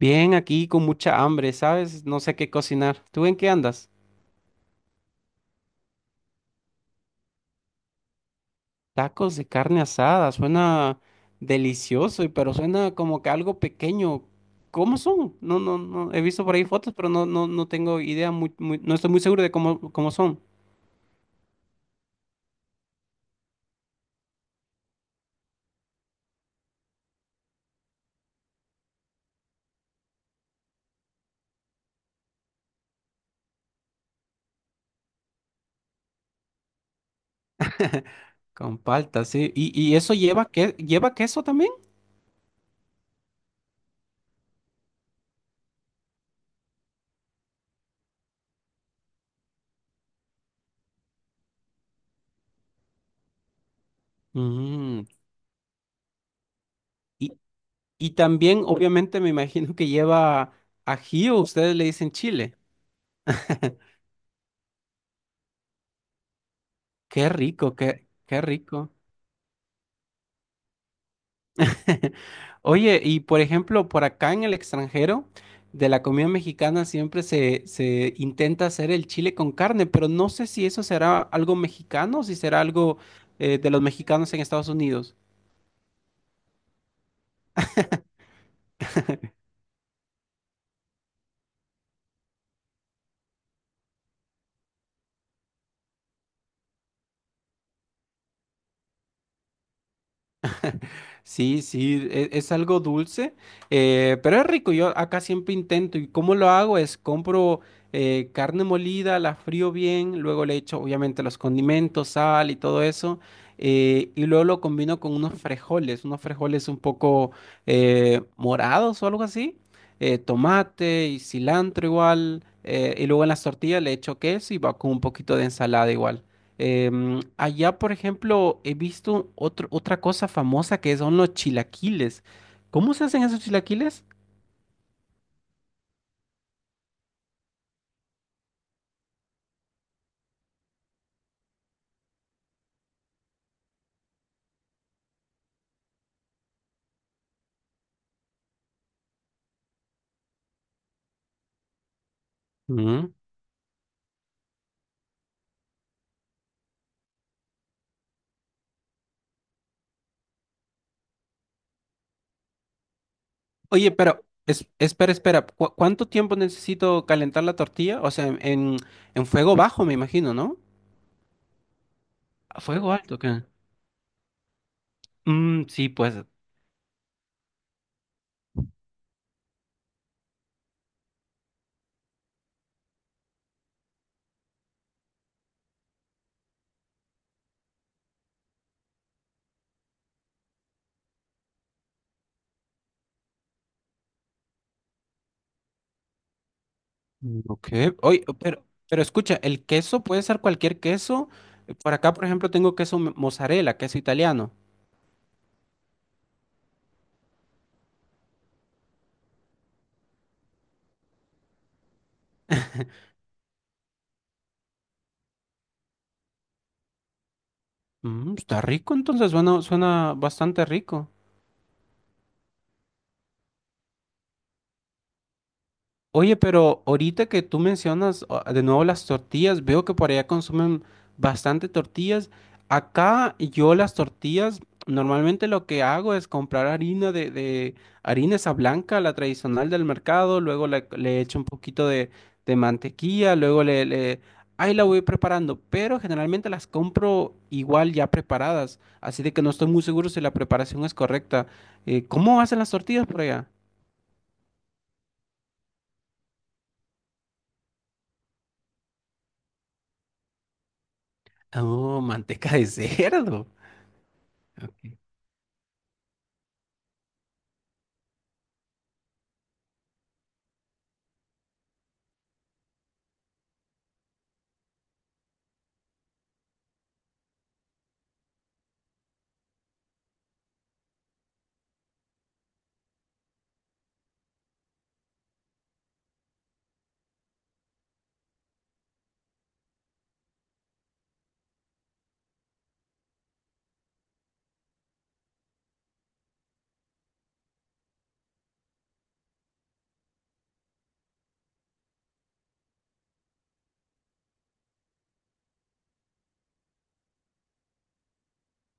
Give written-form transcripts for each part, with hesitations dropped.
Bien, aquí con mucha hambre, ¿sabes? No sé qué cocinar. ¿Tú en qué andas? Tacos de carne asada, suena delicioso, pero suena como que algo pequeño. ¿Cómo son? No, no, no, he visto por ahí fotos, pero no, no, no tengo idea, no estoy muy seguro de cómo son. Con palta, sí. Y eso lleva, que, lleva queso también? Mm. Y, y también, obviamente, me imagino que lleva ají o ustedes le dicen chile. Qué rico, qué rico. Oye, y por ejemplo, por acá en el extranjero, de la comida mexicana siempre se intenta hacer el chile con carne, pero no sé si eso será algo mexicano o si será algo de los mexicanos en Estados Unidos. Sí, sí, es algo dulce, pero es rico. Yo acá siempre intento. ¿Y cómo lo hago? Es compro carne molida, la frío bien, luego le echo obviamente los condimentos, sal y todo eso, y luego lo combino con unos frijoles un poco morados o algo así, tomate y cilantro igual, y luego en las tortillas le echo queso y va con un poquito de ensalada igual. Allá, por ejemplo, he visto otra cosa famosa que son los chilaquiles. ¿Cómo se hacen esos chilaquiles? Mm. Oye, pero espera, espera. Cuánto tiempo necesito calentar la tortilla? O sea, en fuego bajo, me imagino, ¿no? ¿A fuego alto, qué? Mm, sí, pues. Mm, ok. Oye, pero escucha, el queso puede ser cualquier queso. Por acá, por ejemplo, tengo queso mozzarella, queso italiano. Mm, está rico, entonces suena, suena bastante rico. Oye, pero ahorita que tú mencionas ah, de nuevo las tortillas, veo que por allá consumen bastante tortillas. Acá yo las tortillas, normalmente lo que hago es comprar harina de harina esa blanca, la tradicional del mercado, luego le echo un poquito de mantequilla, luego ahí la voy preparando, pero generalmente las compro igual ya preparadas, así de que no estoy muy seguro si la preparación es correcta. ¿Cómo hacen las tortillas por allá? Oh, manteca de cerdo.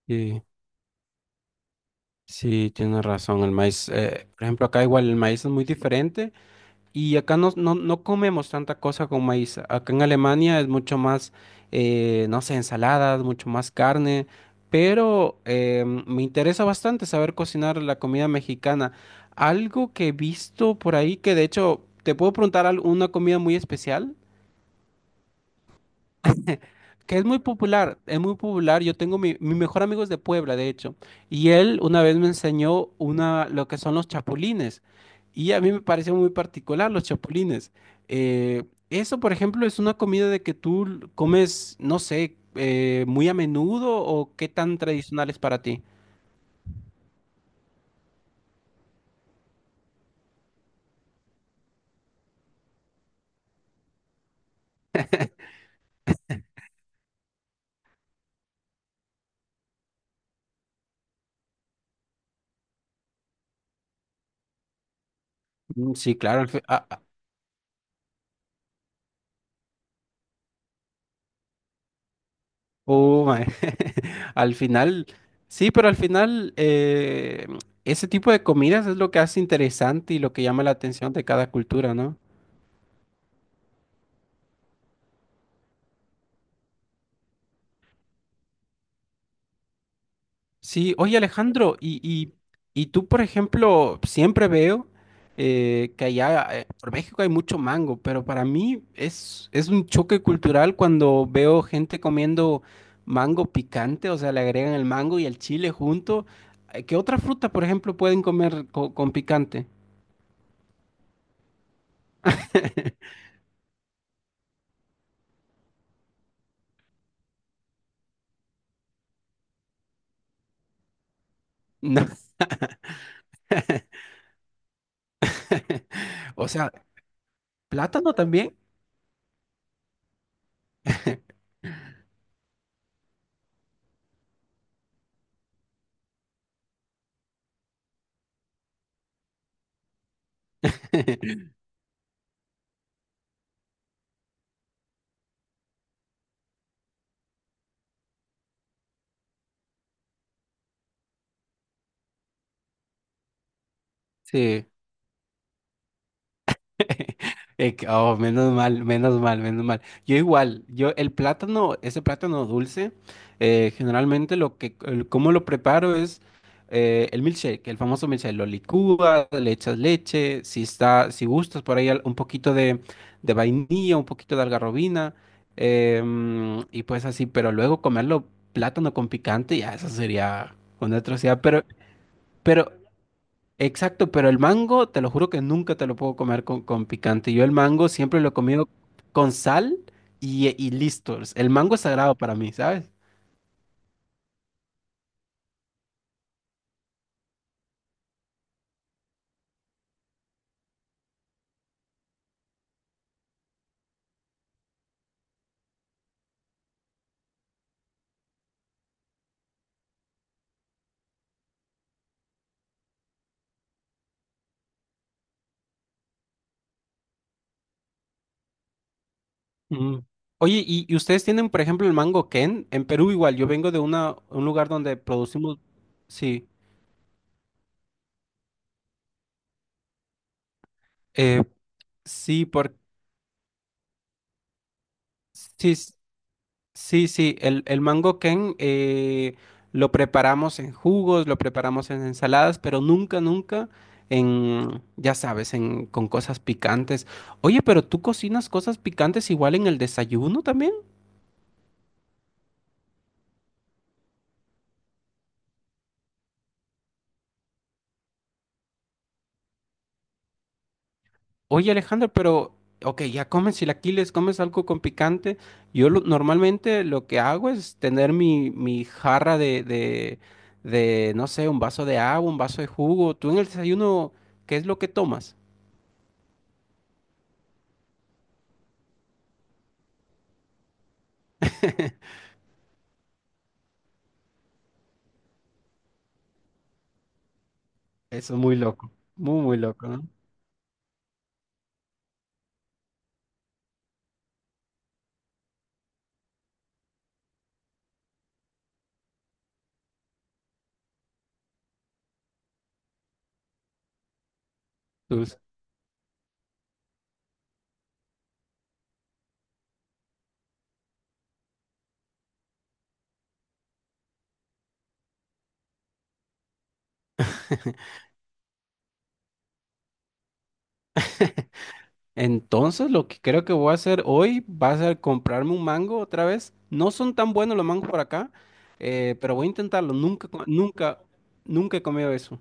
Sí, sí, tienes razón. El maíz, por ejemplo, acá igual el maíz es muy diferente y acá no, no, no comemos tanta cosa con maíz. Acá en Alemania es mucho más, no sé, ensaladas, mucho más carne, pero me interesa bastante saber cocinar la comida mexicana. Algo que he visto por ahí que de hecho, ¿te puedo preguntar una comida muy especial? Que es muy popular, es muy popular. Yo tengo mi mejor amigo es de Puebla, de hecho, y él una vez me enseñó una, lo que son los chapulines, y a mí me pareció muy particular los chapulines. Eh, eso, por ejemplo, es una comida de que tú comes, no sé, muy a menudo o qué tan tradicional es para ti. Mm, sí, claro, al, ah, ah, oh, my. Al final, sí, pero al final ese tipo de comidas es lo que hace interesante y lo que llama la atención de cada cultura, ¿no? Sí, oye Alejandro, y tú, por ejemplo, siempre veo que allá por México hay mucho mango, pero para mí es un choque cultural cuando veo gente comiendo mango picante, o sea, le agregan el mango y el chile junto. ¿Qué otra fruta, por ejemplo, pueden comer con picante? No. O sea, plátano también. Sí. Oh, menos mal, menos mal, menos mal. Yo igual, yo el plátano, ese plátano dulce, generalmente lo que, cómo lo preparo es el milkshake, el famoso milkshake. Lo licúas, le echas leche, si está, si gustas por ahí un poquito de vainilla, un poquito de algarrobina, y pues así. Pero luego comerlo plátano con picante, ya eso sería una atrocidad. Pero exacto, pero el mango, te lo juro que nunca te lo puedo comer con picante. Yo el mango siempre lo he comido con sal y listo. El mango es sagrado para mí, ¿sabes? Mm. Oye, y ustedes tienen, por ejemplo, el mango Ken? En Perú igual, yo vengo de una, un lugar donde producimos... Sí, eh, sí, por... sí, sí, sí, el mango ken lo preparamos en jugos, lo preparamos en ensaladas, pero nunca, nunca en, ya sabes, en, con cosas picantes. Oye, pero tú cocinas cosas picantes igual en el desayuno también. Oye, Alejandro, pero, ok, ya comes chilaquiles, comes algo con picante. Normalmente lo que hago es tener mi jarra de no sé, un vaso de agua, un vaso de jugo. ¿Tú en el desayuno qué es lo que tomas? Eso es muy loco, muy loco, ¿no? Tus- Entonces, lo que creo que voy a hacer hoy va a ser comprarme un mango otra vez. No son tan buenos los mangos por acá, pero voy a intentarlo. Nunca, co- nunca, Nunca he comido eso.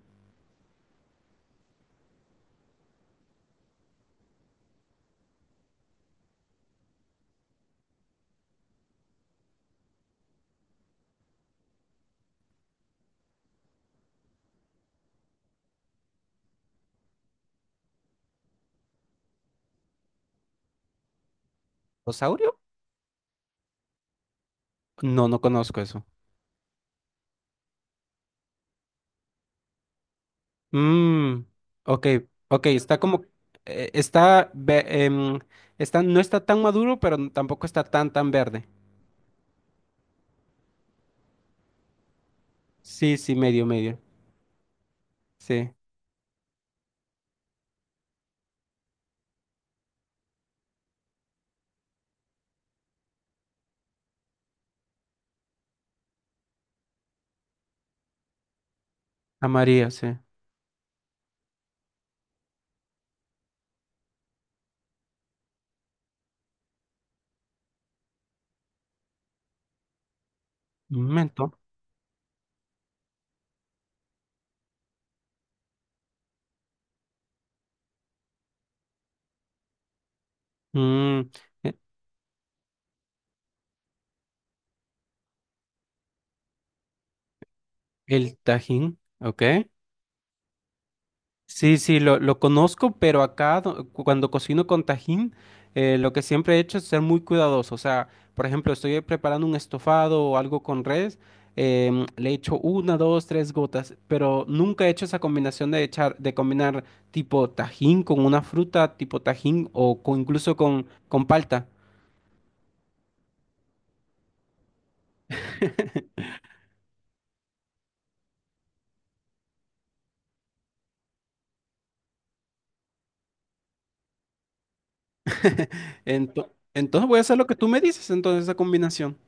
¿Osaurio? No, no conozco eso. Mmm, ok, ok, está como, está, está, no está tan maduro, pero tampoco está tan, tan verde. Sí, sí, medio, medio. Sí, amarillo, sí. Un momento. Mm. El tajín, ¿ok? Sí, sí, lo conozco, pero acá cuando cocino con tajín, lo que siempre he hecho es ser muy cuidadoso. O sea, por ejemplo, estoy preparando un estofado o algo con res, le echo una, dos, tres gotas, pero nunca he hecho esa combinación de echar, de combinar tipo tajín con una fruta, tipo tajín o incluso con palta. Entonces voy a hacer lo que tú me dices, entonces esa combinación.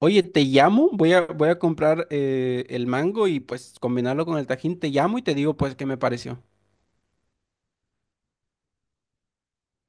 Oye, te llamo, voy a comprar el mango y pues combinarlo con el tajín, te llamo y te digo pues qué me pareció.